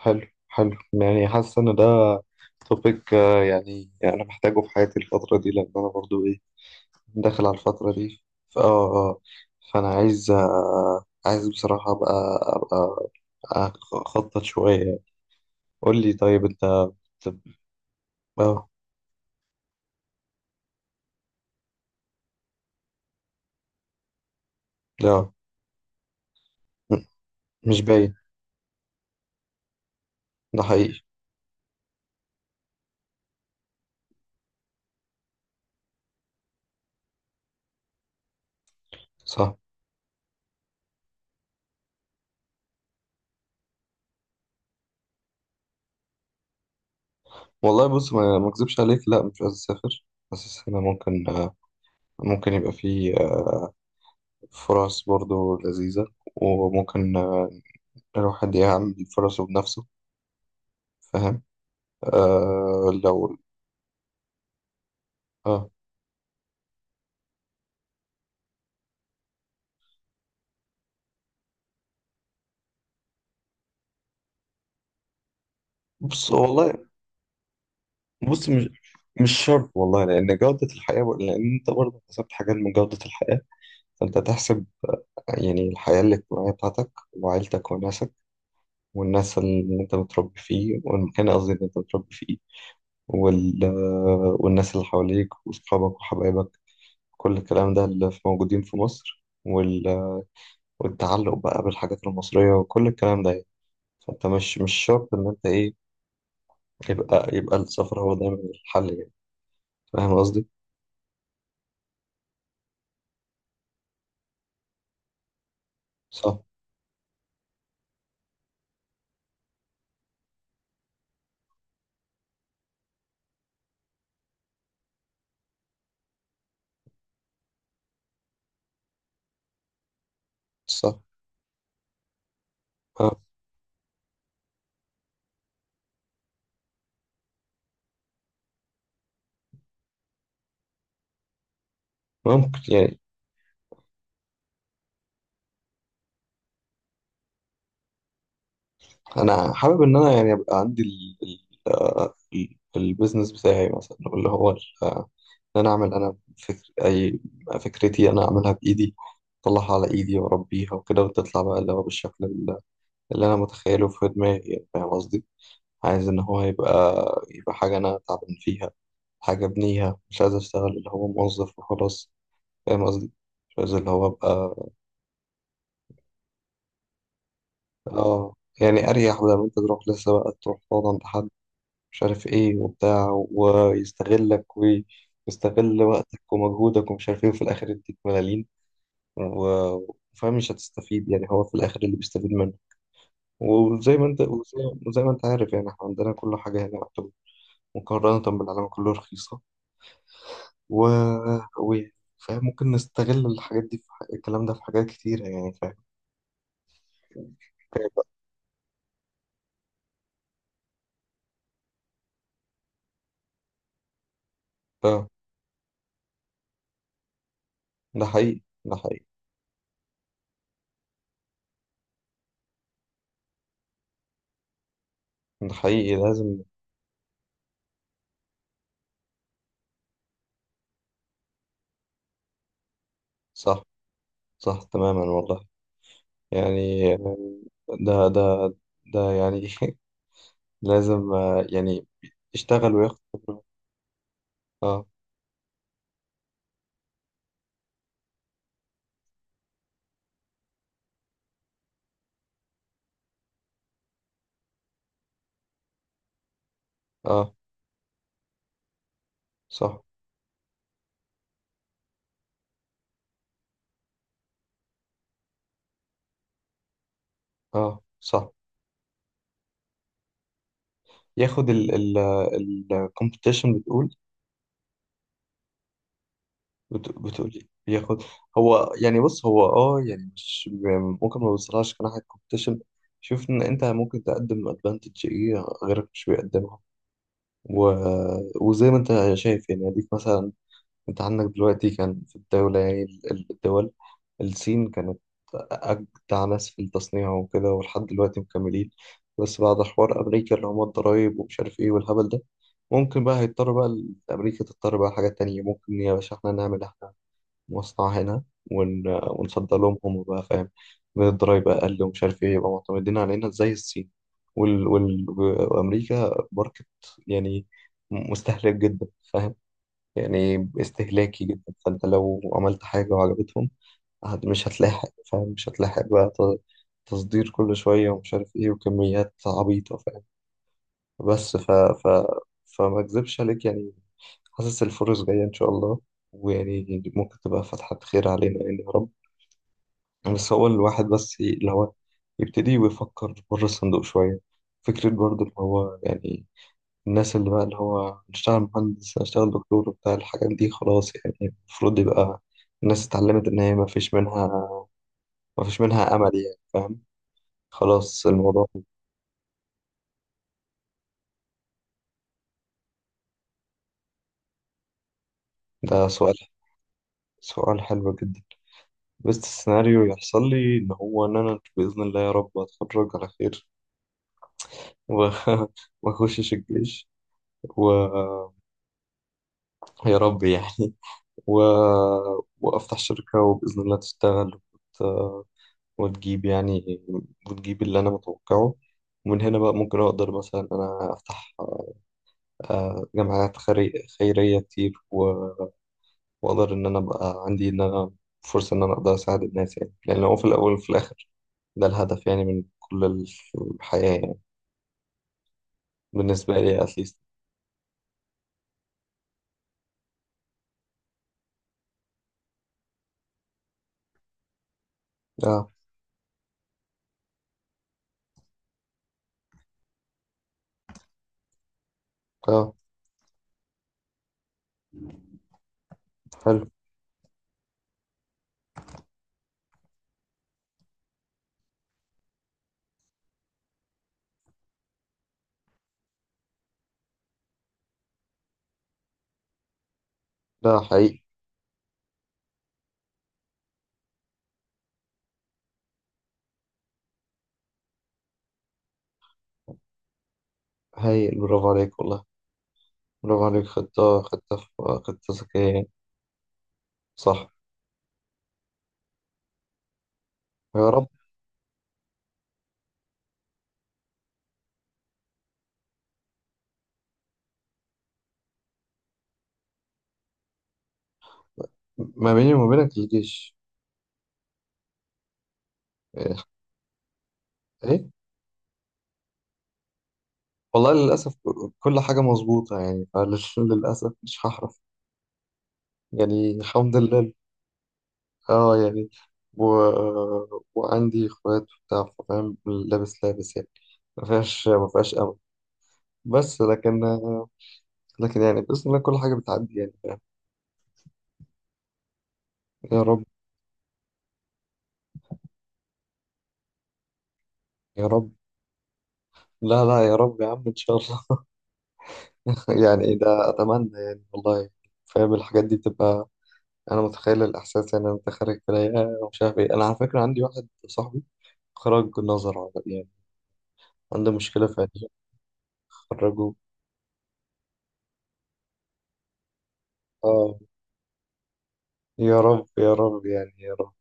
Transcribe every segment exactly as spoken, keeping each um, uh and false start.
حلو حلو يعني حاسس ان ده توبيك. يعني انا محتاجه في حياتي الفترة دي لان انا برضو ايه داخل على الفترة دي. ف- اه آه. فانا عايز آه، عايز بصراحة ابقى ابقى أبقى اخطط شوية. قول لي طيب انت. طب- اه لا. م- مش باين، ده حقيقي. صح والله بص ما ما اكذبش عليك، لا مش عايز اسافر، بس السنة ممكن، آه، ممكن يبقى فيه آه، فرص برضو لذيذة، وممكن آه، الواحد يعمل فرصه بنفسه. فاهم؟ آه لو... اه. بص والله، بص مش مش شرط والله، لأن جودة الحياة، لأن أنت برضه حسبت حاجات من جودة الحياة، فأنت تحسب يعني الحياة الاجتماعية بتاعتك وعيلتك وناسك، والناس اللي أنت متربي فيه، والمكان قصدي اللي أنت متربي فيه، وال... والناس اللي حواليك وأصحابك وحبايبك، كل الكلام ده اللي في- موجودين في مصر، وال... والتعلق بقى بالحاجات المصرية وكل الكلام ده يعني. فأنت مش مش شرط إن أنت إيه، يبقى يبقى السفر هو دايما الحل يعني. فاهم قصدي؟ صح، صح، آه. ممكن يعني. أنا حابب إن أنا يعني يبقى عندي ال ال آه، ال- البيزنس بتاعي مثلا، اللي هو ال- آه، إن أنا أعمل، أنا فكر أي فكرتي أنا أعملها بإيدي، أطلعها على إيدي وأربيها وكده، وتطلع بقى اللي هو بالشكل ال- اللي أنا متخيله في دماغي. يعني فاهم قصدي؟ عايز إن هو يبقى يبقى حاجة أنا تعبان فيها، حاجة أبنيها، مش عايز أشتغل اللي هو موظف وخلاص. فاهم قصدي؟ مش عايز اللي هو ابقى... اه يعني اريح، بدل ما انت تروح لسه بقى تروح تقعد عند حد مش عارف ايه وبتاع، ويستغلك ويستغل وقتك ومجهودك ومش عارف ايه، وفي الاخر يديك ملاليم. و- وفاهم مش هتستفيد، يعني هو في الاخر اللي بيستفيد منه. وزي ما انت وزي, وزي ما انت عارف يعني احنا عندنا كل حاجه هنا يعتبر مقارنه بالعالم كله رخيصه. و... و... يعني فاهم، ممكن نستغل الحاجات دي في ح- الكلام ده في حاجات كتيره يعني. فاهم؟ اه. ده حقيقي، ده حقيقي. ده حقيقي لازم. صح، صح تماما والله يعني. ده ده ده يعني لازم، آه، يعني يشتغل وياخد خبرة. اه. اه، صح، اه صح، ياخد ال ال الكومبيتيشن بتقول. بت- بتقول إيه؟ ياخد. هو يعني بص، هو اه يعني مش ممكن، ما بيوصلهاش كناحية كومبيتيشن. شوف ان انت ممكن تقدم ادفانتج ايه غيرك مش بيقدمها. و... وزي ما انت شايف يعني اديك مثلا، انت عندك دلوقتي كان في الدولة، يعني ال- ال- الدول، الصين كانت أجدع ناس في التصنيع وكده، ولحد دلوقتي مكملين. بس بعد حوار أمريكا اللي هما الضرايب ومش عارف إيه والهبل ده، ممكن بقى هيضطر بقى ال- أمريكا تضطر بقى حاجات تانية. ممكن يا باشا إحنا نعمل إحنا مصنع هنا، ون... ونصدر لهم هم بقى، فاهم؟ من الضرايب أقل ومش عارف إيه، يبقى معتمدين علينا زي الصين. وال... وال... وأمريكا ماركت يعني مستهلك جدا. فاهم؟ يعني استهلاكي جدا، فانت لو عملت حاجة وعجبتهم، هت- مش هتلاحق، فاهم؟ مش هتلاحق بقى ت- تصدير كل شوية ومش عارف ايه وكميات عبيطة، فاهم؟ بس ف... ف... فما اكذبش عليك يعني، حاسس الفرص جاية ان شاء الله، ويعني ممكن تبقى فتحة خير علينا يعني يا رب. بس هو الواحد بس ي- اللي هو يبتدي ويفكر بره الصندوق شوية، فكرة برضه اللي هو يعني الناس اللي بقى اللي هو اشتغل مهندس، اشتغل دكتور وبتاع الحاجات دي خلاص يعني. المفروض يبقى الناس اتعلمت ان هي ما فيش منها، ما فيش منها امل يعني، فاهم؟ خلاص الموضوع. ده سؤال سؤال حلو جدا. بس السيناريو يحصل لي ان هو ان انا باذن الله يا رب اتخرج على خير، و- وما اخشش الجيش، ويا رب يعني و... وافتح شركة وباذن الله تشتغل، وت... وتجيب يعني وتجيب اللي أنا متوقعه. ومن هنا بقى ممكن أقدر مثلا إن أنا أفتح آه، جمعيات خيري- خيرية كتير، و- وأقدر إن أنا أبقى عندي إن أنا فرصة إن أنا أقدر أساعد الناس. يعني لأن هو في الأول وفي الآخر ده الهدف يعني من كل الحياة يعني بالنسبة لي أتليست. آه، آه حلو، ده حقيقي، هايل، برافو عليك والله، برافو عليك، خطة، خطة خطة ذكية يعني. صح، يا رب. ما بيني وما بينك الجيش. إيه، إيه؟ والله للأسف كل حاجة مظبوطة يعني، فللأسف مش هحرف يعني، الحمد لله. اه يعني، و... وعندي اخوات وبتاع، فاهم؟ لابس لابس يعني، ما فيهاش، ما فيهاش امل. بس لكن، لكن يعني بإذن الله كل حاجة بتعدي يعني، فاهم؟ يا رب، يا رب، لا لا يا رب يا عم ان شاء الله. يعني ده اتمنى يعني والله، فاهم الحاجات دي بتبقى. انا متخيل الاحساس يعني انت خارج في العيادة ومش عارف ايه. انا على فكرة عندي واحد صاحبي خرج نظر عملي، عنده مشكلة في عيشه، خرجوه. اه يا رب، يا رب يعني، يا رب.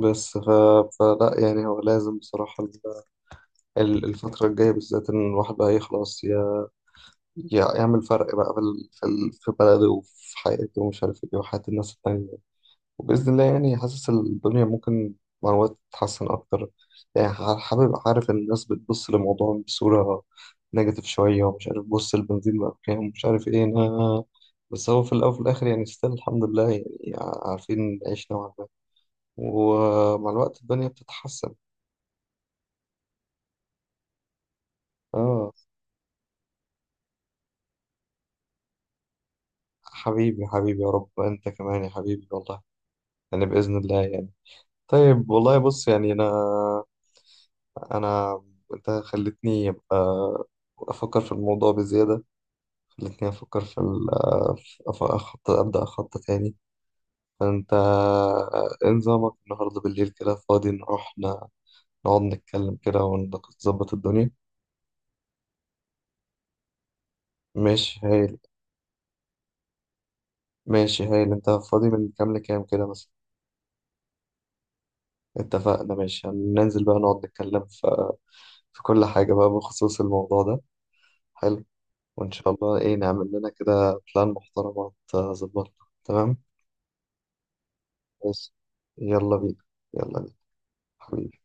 بس ف... فلا يعني هو لازم بصراحة، ال- الفترة الجاية بالذات إن الواحد بقى يخلص ي... ي- يعمل فرق بقى في ال- في ال- في بلده وفي حياته ومش عارف إيه، وحياة الناس التانية، وبإذن الله يعني حاسس الدنيا ممكن مع الوقت تتحسن أكتر. يعني ح- حابب أعرف إن الناس بتبص للموضوع بصورة نيجاتيف شوية ومش عارف، بص البنزين بقى بكام ومش عارف إيه، أنا بس هو في الأول وفي الآخر يعني ستيل الحمد لله يعني ع- عارفين نعيش نوعا ما، ومع الوقت الدنيا بتتحسن. آه. حبيبي، حبيبي، يا رب أنت كمان يا حبيبي والله، يعني بإذن الله يعني. طيب والله بص يعني، أنا أنا أنت خلتني أبقى أفكر في الموضوع بزيادة، خلتني أفكر في ال في- أخطط، أبدأ أخطط تاني. فأنت إيه نظامك النهاردة بالليل، كده فاضي نروح ن- نقعد نتكلم كده ونظبط الدنيا؟ ماشي هايل. ماشي هايل. أنت فاضي من كام لكام كده مثلا؟ اتفقنا، ماشي، هننزل بقى نقعد نتكلم في, في كل حاجة بقى بخصوص الموضوع ده، حلو. وإن شاء الله إيه نعمل لنا كده بلان محترمة تظبطنا. تمام. بس يلا بينا، يلا بينا، حبيبي.